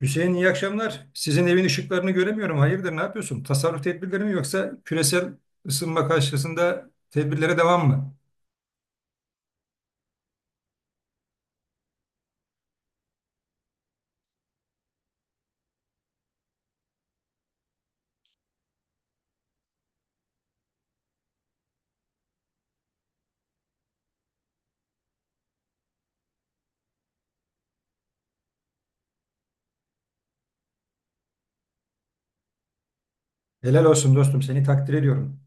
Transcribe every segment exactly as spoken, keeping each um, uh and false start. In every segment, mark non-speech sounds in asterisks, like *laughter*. Hüseyin iyi akşamlar. Sizin evin ışıklarını göremiyorum. Hayırdır, ne yapıyorsun? Tasarruf tedbirleri mi yoksa küresel ısınma karşısında tedbirlere devam mı? Helal olsun dostum, seni takdir ediyorum.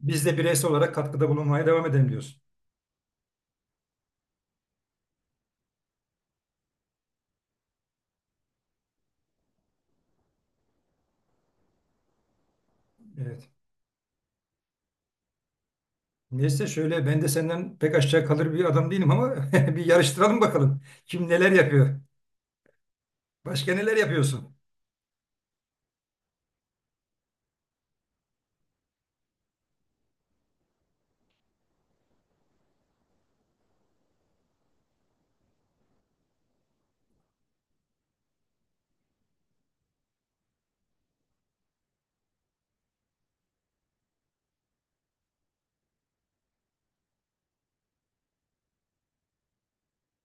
Biz de bireysel olarak katkıda bulunmaya devam edelim diyorsun. Evet. Neyse şöyle ben de senden pek aşağı kalır bir adam değilim ama *laughs* bir yarıştıralım bakalım. Kim neler yapıyor? Başka neler yapıyorsun?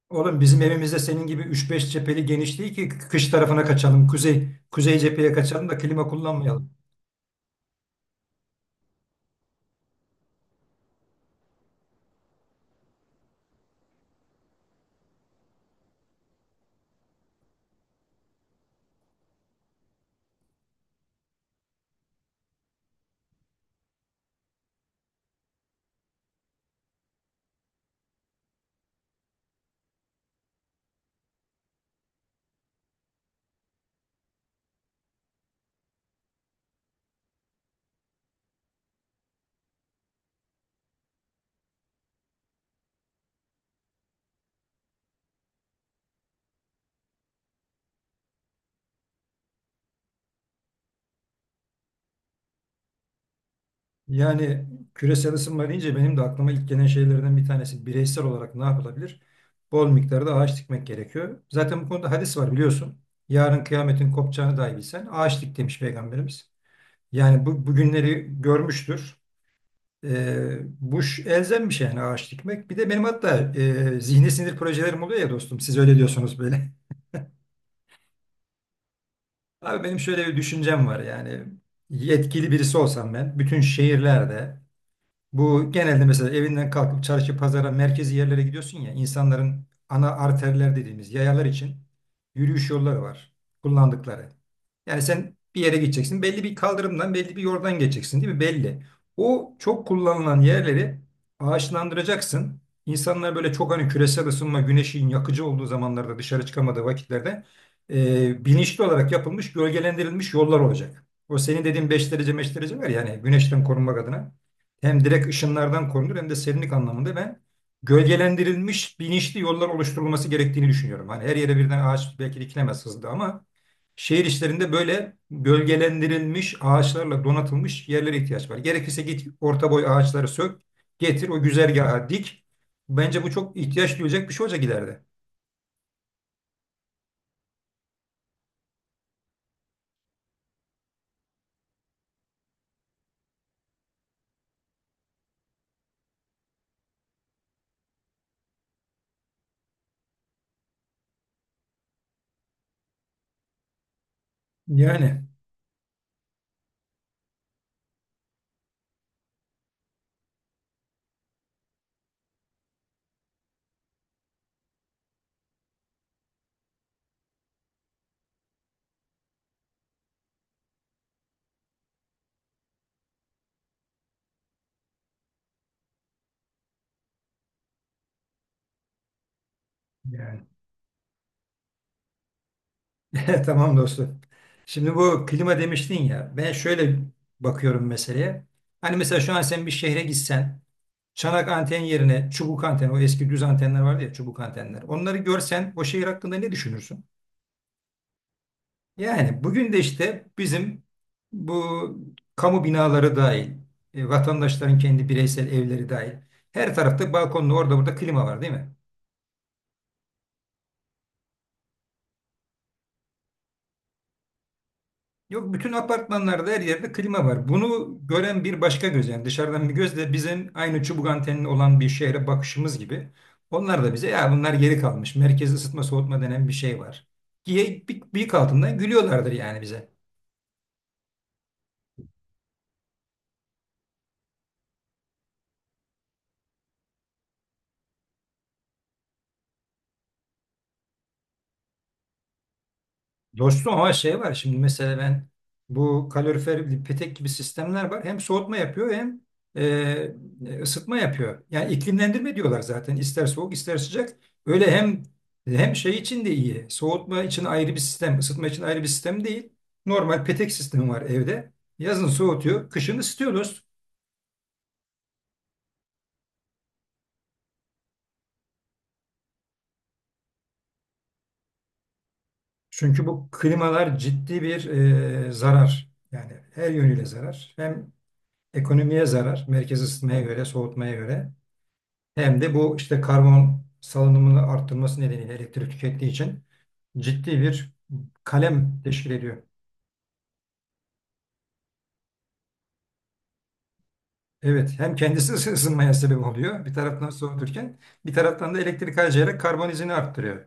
Oğlum bizim evimizde senin gibi üç beş cepheli geniş değil ki kış tarafına kaçalım, kuzey kuzey cepheye kaçalım da klima kullanmayalım. Yani küresel ısınma deyince benim de aklıma ilk gelen şeylerden bir tanesi bireysel olarak ne yapılabilir? Bol miktarda ağaç dikmek gerekiyor. Zaten bu konuda hadis var biliyorsun. Yarın kıyametin kopacağını dahi bilsen ağaç dik demiş Peygamberimiz. Yani bu, bugünleri görmüştür. Ee, bu ş- elzem bir şey yani ağaç dikmek. Bir de benim hatta e, zihni sinir projelerim oluyor ya dostum. Siz öyle diyorsunuz böyle. *laughs* Abi benim şöyle bir düşüncem var yani. Yetkili birisi olsam ben bütün şehirlerde bu genelde mesela evinden kalkıp çarşı, pazara, merkezi yerlere gidiyorsun ya insanların ana arterler dediğimiz yayalar için yürüyüş yolları var kullandıkları. Yani sen bir yere gideceksin belli bir kaldırımdan belli bir yoldan geçeceksin değil mi? Belli. O çok kullanılan yerleri ağaçlandıracaksın. İnsanlar böyle çok hani küresel ısınma, güneşin yakıcı olduğu zamanlarda dışarı çıkamadığı vakitlerde e, bilinçli olarak yapılmış, gölgelendirilmiş yollar olacak. O senin dediğin beş derece beş derece var ya hani güneşten korunmak adına hem direkt ışınlardan korunur hem de serinlik anlamında ben gölgelendirilmiş bilinçli yollar oluşturulması gerektiğini düşünüyorum. Hani her yere birden ağaç belki dikilemez hızlı ama şehir içlerinde böyle gölgelendirilmiş ağaçlarla donatılmış yerlere ihtiyaç var. Gerekirse git orta boy ağaçları sök, getir o güzergaha dik. Bence bu çok ihtiyaç duyulacak bir şey olacak ileride. Yani, yani. *laughs* Tamam dostum. Şimdi bu klima demiştin ya. Ben şöyle bakıyorum meseleye. Hani mesela şu an sen bir şehre gitsen çanak anten yerine çubuk anten, o eski düz antenler vardı ya çubuk antenler. Onları görsen o şehir hakkında ne düşünürsün? Yani bugün de işte bizim bu kamu binaları dahil, e, vatandaşların kendi bireysel evleri dahil. Her tarafta balkonda orada burada klima var değil mi? Yok bütün apartmanlarda her yerde klima var. Bunu gören bir başka göz yani dışarıdan bir göz de bizim aynı çubuk antenli olan bir şehre bakışımız gibi. Onlar da bize ya bunlar geri kalmış. Merkez ısıtma soğutma denen bir şey var. Diye bi- bıyık altından gülüyorlardır yani bize. Dostum ama şey var şimdi mesela ben bu kalorifer petek gibi sistemler var. Hem soğutma yapıyor hem e, e, ısıtma yapıyor. Yani iklimlendirme diyorlar zaten ister soğuk ister sıcak. Öyle hem hem şey için de iyi. Soğutma için ayrı bir sistem, ısıtma için ayrı bir sistem değil. Normal petek sistemi var evde. Yazın soğutuyor, kışın ısıtıyor dost. Çünkü bu klimalar ciddi bir e, zarar. Yani her yönüyle zarar. Hem ekonomiye zarar, merkez ısıtmaya göre, soğutmaya göre. Hem de bu işte karbon salınımını arttırması nedeniyle elektrik tükettiği için ciddi bir kalem teşkil ediyor. Evet, hem kendisi ısı- ısınmaya sebep oluyor bir taraftan soğuturken bir taraftan da elektrik harcayarak karbon izini arttırıyor.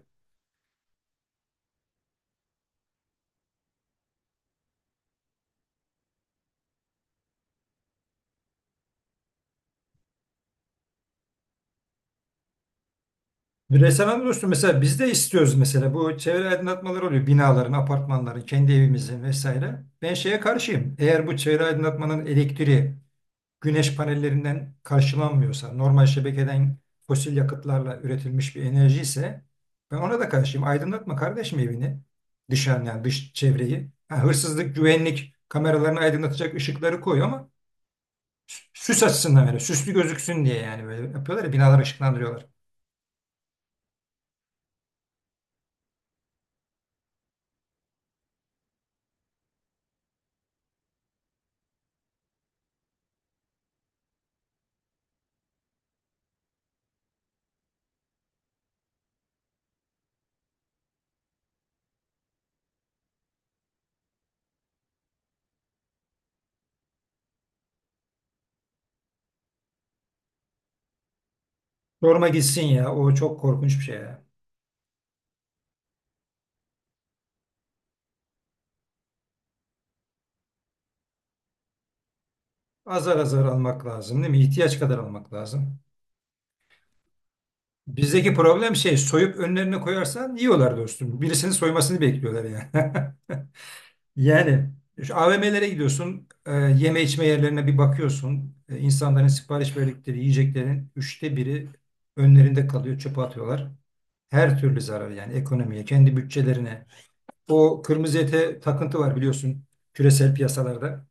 Bireysel anlamda dostum mesela biz de istiyoruz mesela bu çevre aydınlatmaları oluyor binaların, apartmanların, kendi evimizin vesaire. Ben şeye karşıyım. Eğer bu çevre aydınlatmanın elektriği güneş panellerinden karşılanmıyorsa, normal şebekeden fosil yakıtlarla üretilmiş bir enerji ise ben ona da karşıyım. Aydınlatma kardeşim evini, dışarı yani dış çevreyi. Ha, hırsızlık, güvenlik kameralarını aydınlatacak ışıkları koy ama sü- süs açısından böyle, süslü gözüksün diye yani böyle yapıyorlar ya, binalar ışıklandırıyorlar. Sorma gitsin ya, o çok korkunç bir şey ya. Azar azar almak lazım değil mi? İhtiyaç kadar almak lazım. Bizdeki problem şey soyup önlerine koyarsan yiyorlar dostum. Birisinin soymasını bekliyorlar yani. *laughs* Yani şu A V M'lere gidiyorsun, e, yeme içme yerlerine bir bakıyorsun. E, insanların sipariş verdikleri yiyeceklerin üçte biri önlerinde kalıyor, çöpe atıyorlar. Her türlü zarar yani ekonomiye, kendi bütçelerine. O kırmızı ete takıntı var biliyorsun küresel piyasalarda.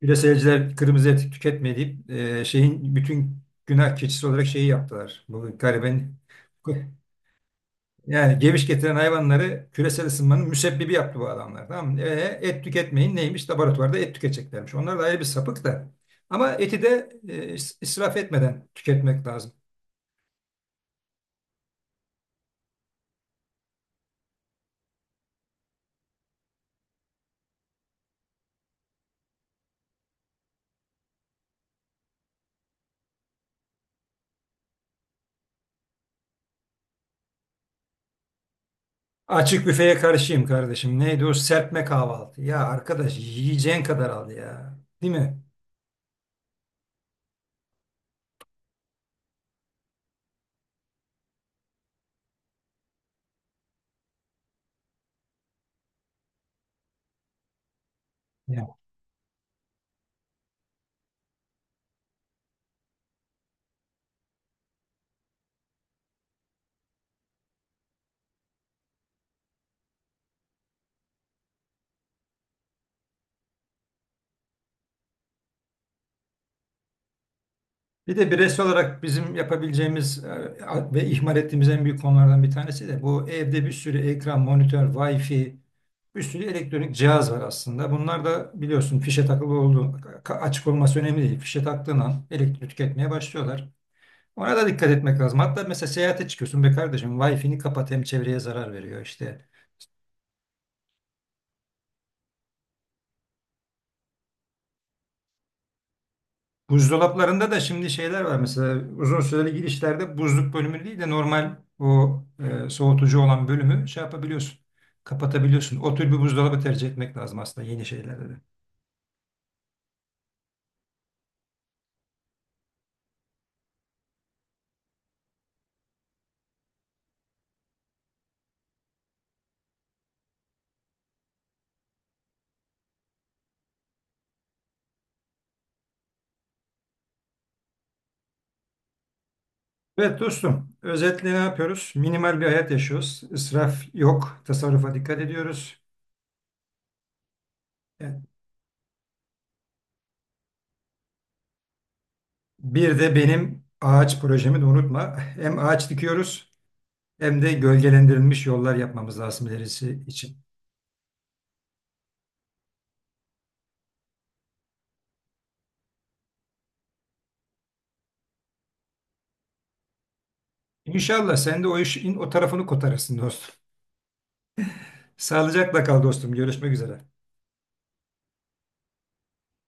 Küreselciler kırmızı et tüketmeyip e, şeyin bütün günah keçisi olarak şeyi yaptılar. Bu gariben. *laughs* Yani geviş getiren hayvanları küresel ısınmanın müsebbibi yaptı bu adamlar. Tamam mı? E, et tüketmeyin neymiş? Laboratuvarda et tüketeceklermiş. Onlar da ayrı bir sapık da. Ama eti de e, is- israf etmeden tüketmek lazım. Açık büfeye karşıyım kardeşim. Neydi o serpme kahvaltı? Ya arkadaş yiyeceğin kadar al ya. Değil mi? Bir de bireysel olarak bizim yapabileceğimiz e, ve ihmal ettiğimiz en büyük konulardan bir tanesi de bu evde bir sürü ekran, monitör, Wi-Fi, bir sürü elektronik cihaz var aslında. Bunlar da biliyorsun fişe takılı olduğu, ka- açık olması önemli değil. Fişe taktığın an elektrik tüketmeye başlıyorlar. Ona da dikkat etmek lazım. Hatta mesela seyahate çıkıyorsun be kardeşim Wi-Fi'ni kapat hem çevreye zarar veriyor işte. Buzdolaplarında da şimdi şeyler var mesela uzun süreli girişlerde buzluk bölümü değil de normal o e, soğutucu olan bölümü şey yapabiliyorsun. Kapatabiliyorsun. O tür bir buzdolabı tercih etmek lazım aslında yeni şeylerde de. Evet dostum, özetle ne yapıyoruz? Minimal bir hayat yaşıyoruz. İsraf yok, tasarrufa dikkat ediyoruz. Evet. Bir de benim ağaç projemi de unutma. *laughs* Hem ağaç dikiyoruz hem de gölgelendirilmiş yollar yapmamız lazım ilerisi için. İnşallah sen de o işin o tarafını kotarırsın dostum. Sağlıcakla kal dostum. Görüşmek üzere.